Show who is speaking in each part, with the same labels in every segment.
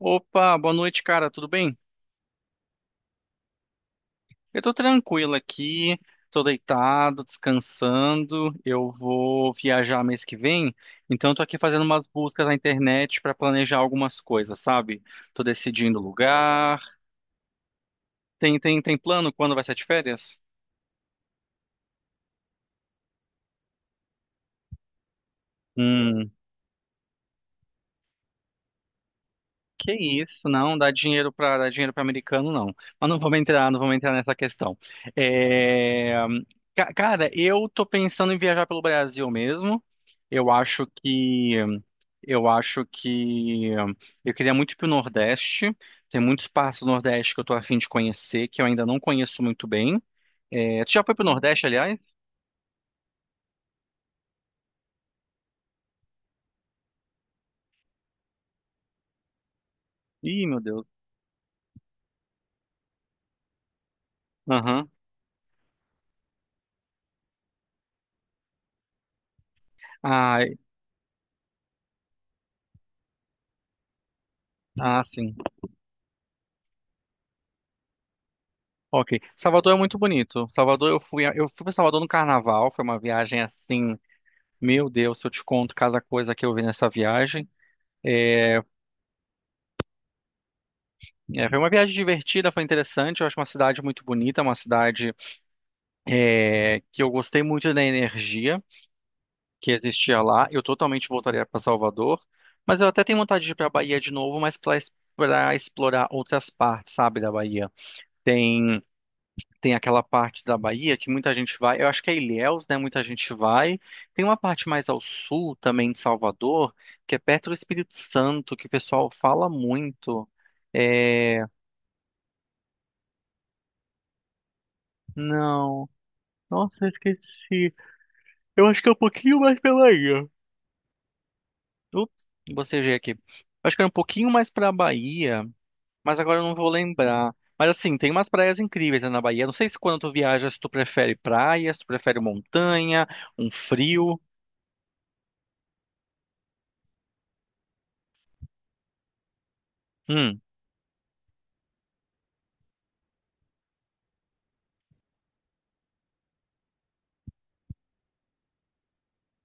Speaker 1: Opa, boa noite, cara. Tudo bem? Eu tô tranquilo aqui, tô deitado, descansando. Eu vou viajar mês que vem, então eu tô aqui fazendo umas buscas na internet pra planejar algumas coisas, sabe? Tô decidindo lugar. Tem plano quando vai ser de férias? Hum. Que isso, não, dá dinheiro para dar dinheiro para americano, não. Mas não vamos entrar nessa questão. É, Cara, eu tô pensando em viajar pelo Brasil mesmo. Eu acho que eu acho que eu queria muito ir pro Nordeste. Tem muitos partes do Nordeste que eu tô a fim de conhecer, que eu ainda não conheço muito bem. Tu já foi pro Nordeste, aliás? Ih, meu Deus. Aham. Ah, ah, sim. Ok. Salvador é muito bonito. Salvador, eu fui, eu fui para Salvador no Carnaval. Foi uma viagem assim, meu Deus, se eu te conto cada coisa que eu vi nessa viagem. É, foi uma viagem divertida, foi interessante. Eu acho uma cidade muito bonita, uma cidade que eu gostei muito da energia que existia lá. Eu totalmente voltaria para Salvador, mas eu até tenho vontade de ir para a Bahia de novo, mas para explorar outras partes, sabe, da Bahia. Tem Tem aquela parte da Bahia que muita gente vai, eu acho que é Ilhéus, né? Muita gente vai. Tem uma parte mais ao sul também de Salvador, que é perto do Espírito Santo, que o pessoal fala muito. É... Não. Nossa, eu esqueci. Eu acho que é um pouquinho mais pela ilha. Ups, bocejei aqui. Eu acho que era um pouquinho mais pra Bahia, mas agora eu não vou lembrar. Mas assim, tem umas praias incríveis, né, na Bahia. Não sei se quando tu viaja, se tu prefere praia, se tu prefere montanha, um frio. Hum,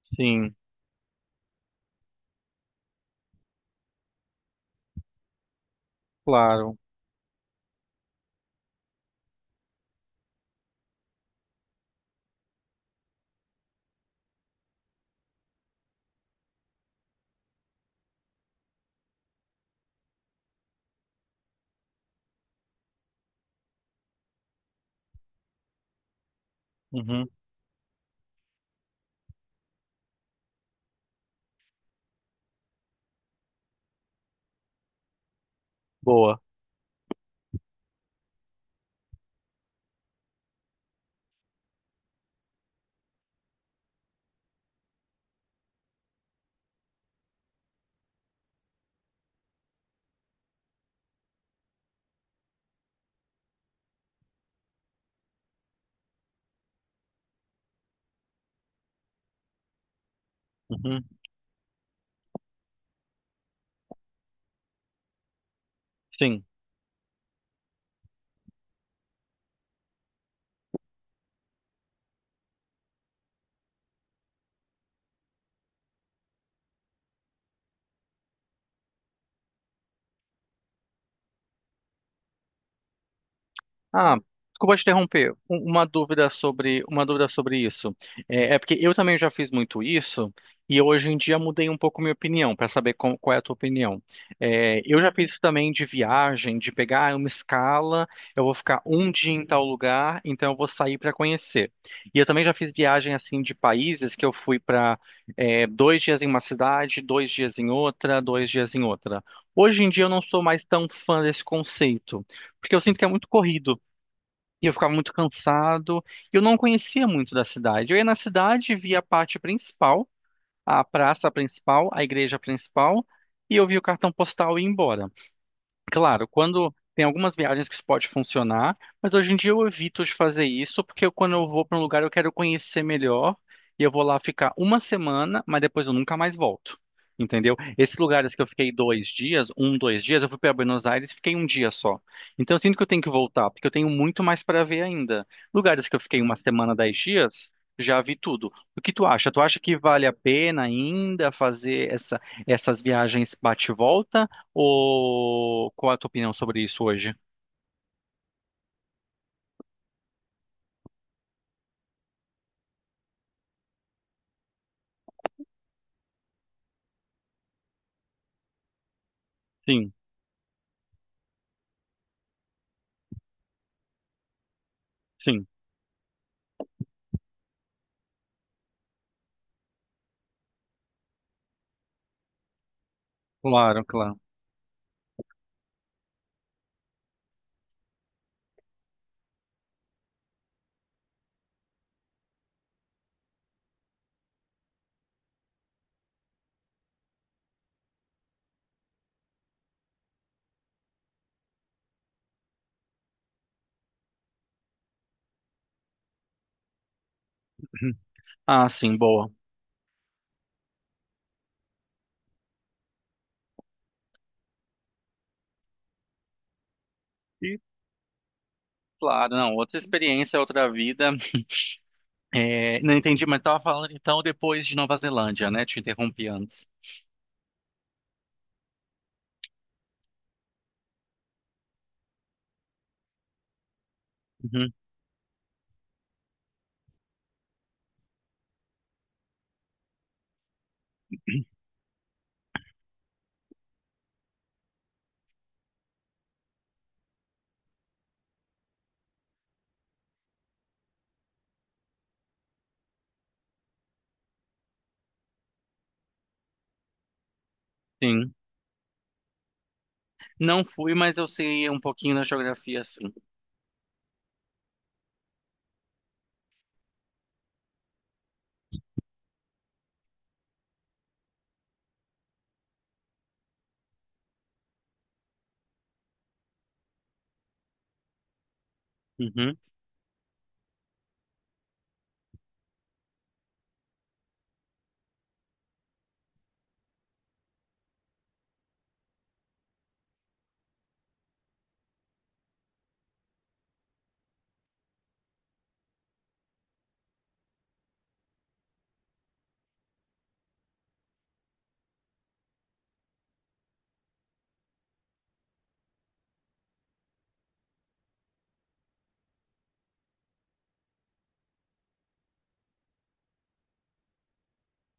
Speaker 1: sim. Claro. Uhum. Boa. Uhum. Sim. Ah, desculpa te interromper. Uma dúvida sobre isso. É porque eu também já fiz muito isso e hoje em dia mudei um pouco minha opinião para saber qual é a tua opinião. Eu já fiz isso também de viagem, de pegar uma escala, eu vou ficar um dia em tal lugar, então eu vou sair para conhecer. E eu também já fiz viagem assim de países que eu fui para 2 dias em uma cidade, 2 dias em outra, 2 dias em outra. Hoje em dia eu não sou mais tão fã desse conceito, porque eu sinto que é muito corrido. E eu ficava muito cansado. E eu não conhecia muito da cidade. Eu ia na cidade, via a parte principal, a praça principal, a igreja principal, e eu via o cartão postal e ia embora. Claro, quando tem algumas viagens que isso pode funcionar, mas hoje em dia eu evito de fazer isso, porque quando eu vou para um lugar eu quero conhecer melhor e eu vou lá ficar uma semana, mas depois eu nunca mais volto. Entendeu? Esses lugares que eu fiquei 2 dias, um, 2 dias, eu fui para Buenos Aires e fiquei um dia só. Então eu sinto que eu tenho que voltar, porque eu tenho muito mais para ver ainda. Lugares que eu fiquei uma semana, 10 dias, já vi tudo. O que tu acha? Tu acha que vale a pena ainda fazer essas viagens bate-volta? Ou qual é a tua opinião sobre isso hoje? Sim, sim. Claro, claro. Ah, sim, boa. E claro, não, outra experiência, outra vida. É, não entendi, mas estava falando então depois de Nova Zelândia, né? Te interrompi antes. Uhum, sim. Não fui, mas eu sei um pouquinho da geografia, sim. Uhum.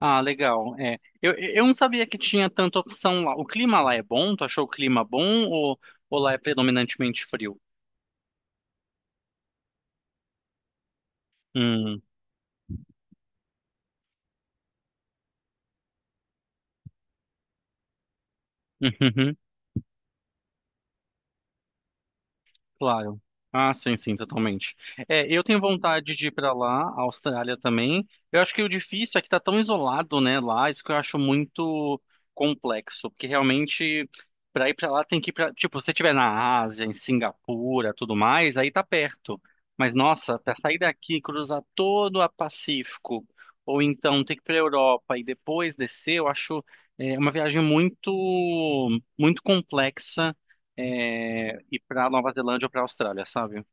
Speaker 1: Ah, legal. Eu não sabia que tinha tanta opção lá. O clima lá é bom? Tu achou o clima bom ou lá é predominantemente frio? Hum. Claro. Ah, sim, sim, totalmente. Eu tenho vontade de ir para lá, a Austrália também. Eu acho que o difícil é que tá tão isolado, né, lá, isso que eu acho muito complexo, porque realmente para ir para lá tem que ir para, tipo, se você estiver na Ásia, em Singapura, tudo mais, aí tá perto. Mas nossa, para sair daqui, e cruzar todo o Pacífico, ou então ter que ir para Europa e depois descer, eu acho uma viagem muito muito complexa ir para Nova Zelândia ou para Austrália, sabe?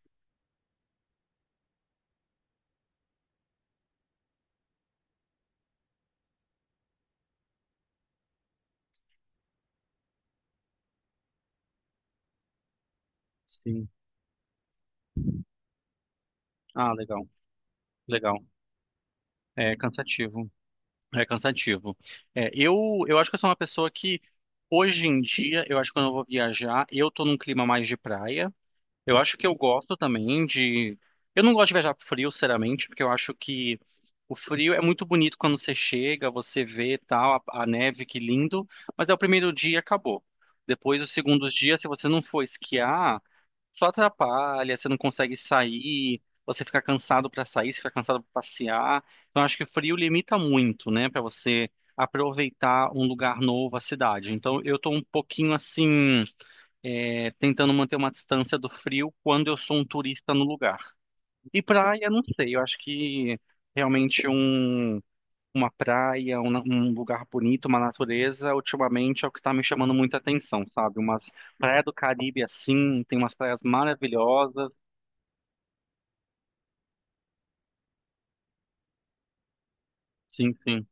Speaker 1: Sim. Ah, legal, legal. É cansativo, é cansativo. Eu acho que eu sou uma pessoa que, hoje em dia, eu acho que quando eu vou viajar, eu tô num clima mais de praia. Eu acho que eu gosto também de. Eu não gosto de viajar pro frio, sinceramente, porque eu acho que o frio é muito bonito quando você chega, você vê tal, a neve, que lindo, mas é o primeiro dia e acabou. Depois, o segundo dia, se você não for esquiar. Só atrapalha, você não consegue sair, você fica cansado para sair, você fica cansado para passear. Então, acho que o frio limita muito, né, para você aproveitar um lugar novo, a cidade. Então, eu tô um pouquinho assim, tentando manter uma distância do frio quando eu sou um turista no lugar. E praia, não sei, eu acho que realmente uma praia, um lugar bonito, uma natureza, ultimamente é o que está me chamando muita atenção, sabe? Umas praias do Caribe assim, tem umas praias maravilhosas. Sim, sim,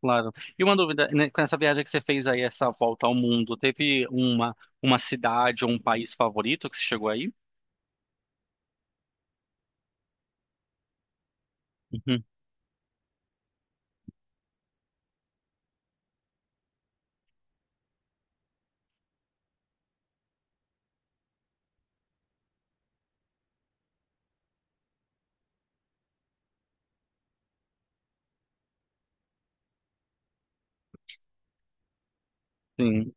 Speaker 1: claro. E uma dúvida, né, com essa viagem que você fez aí, essa volta ao mundo, teve uma cidade ou um país favorito que você chegou aí? Uhum, sim.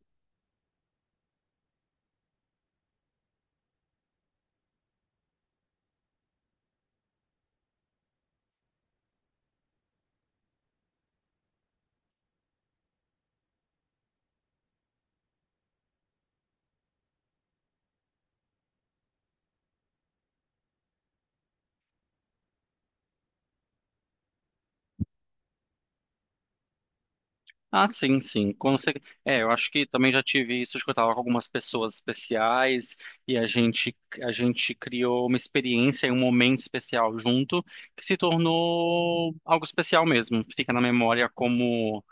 Speaker 1: Ah, sim, sim. Eu acho que também já tive isso de que eu estava com algumas pessoas especiais e a gente criou uma experiência e um momento especial junto que se tornou algo especial mesmo. Fica na memória como,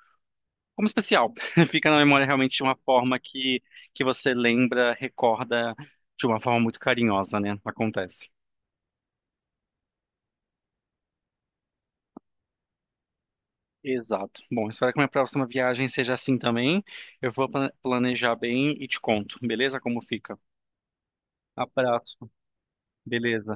Speaker 1: como especial. Fica na memória realmente de uma forma que você lembra, recorda de uma forma muito carinhosa, né? Acontece. Exato. Bom, espero que minha próxima viagem seja assim também. Eu vou planejar bem e te conto, beleza? Como fica. Abraço. Beleza.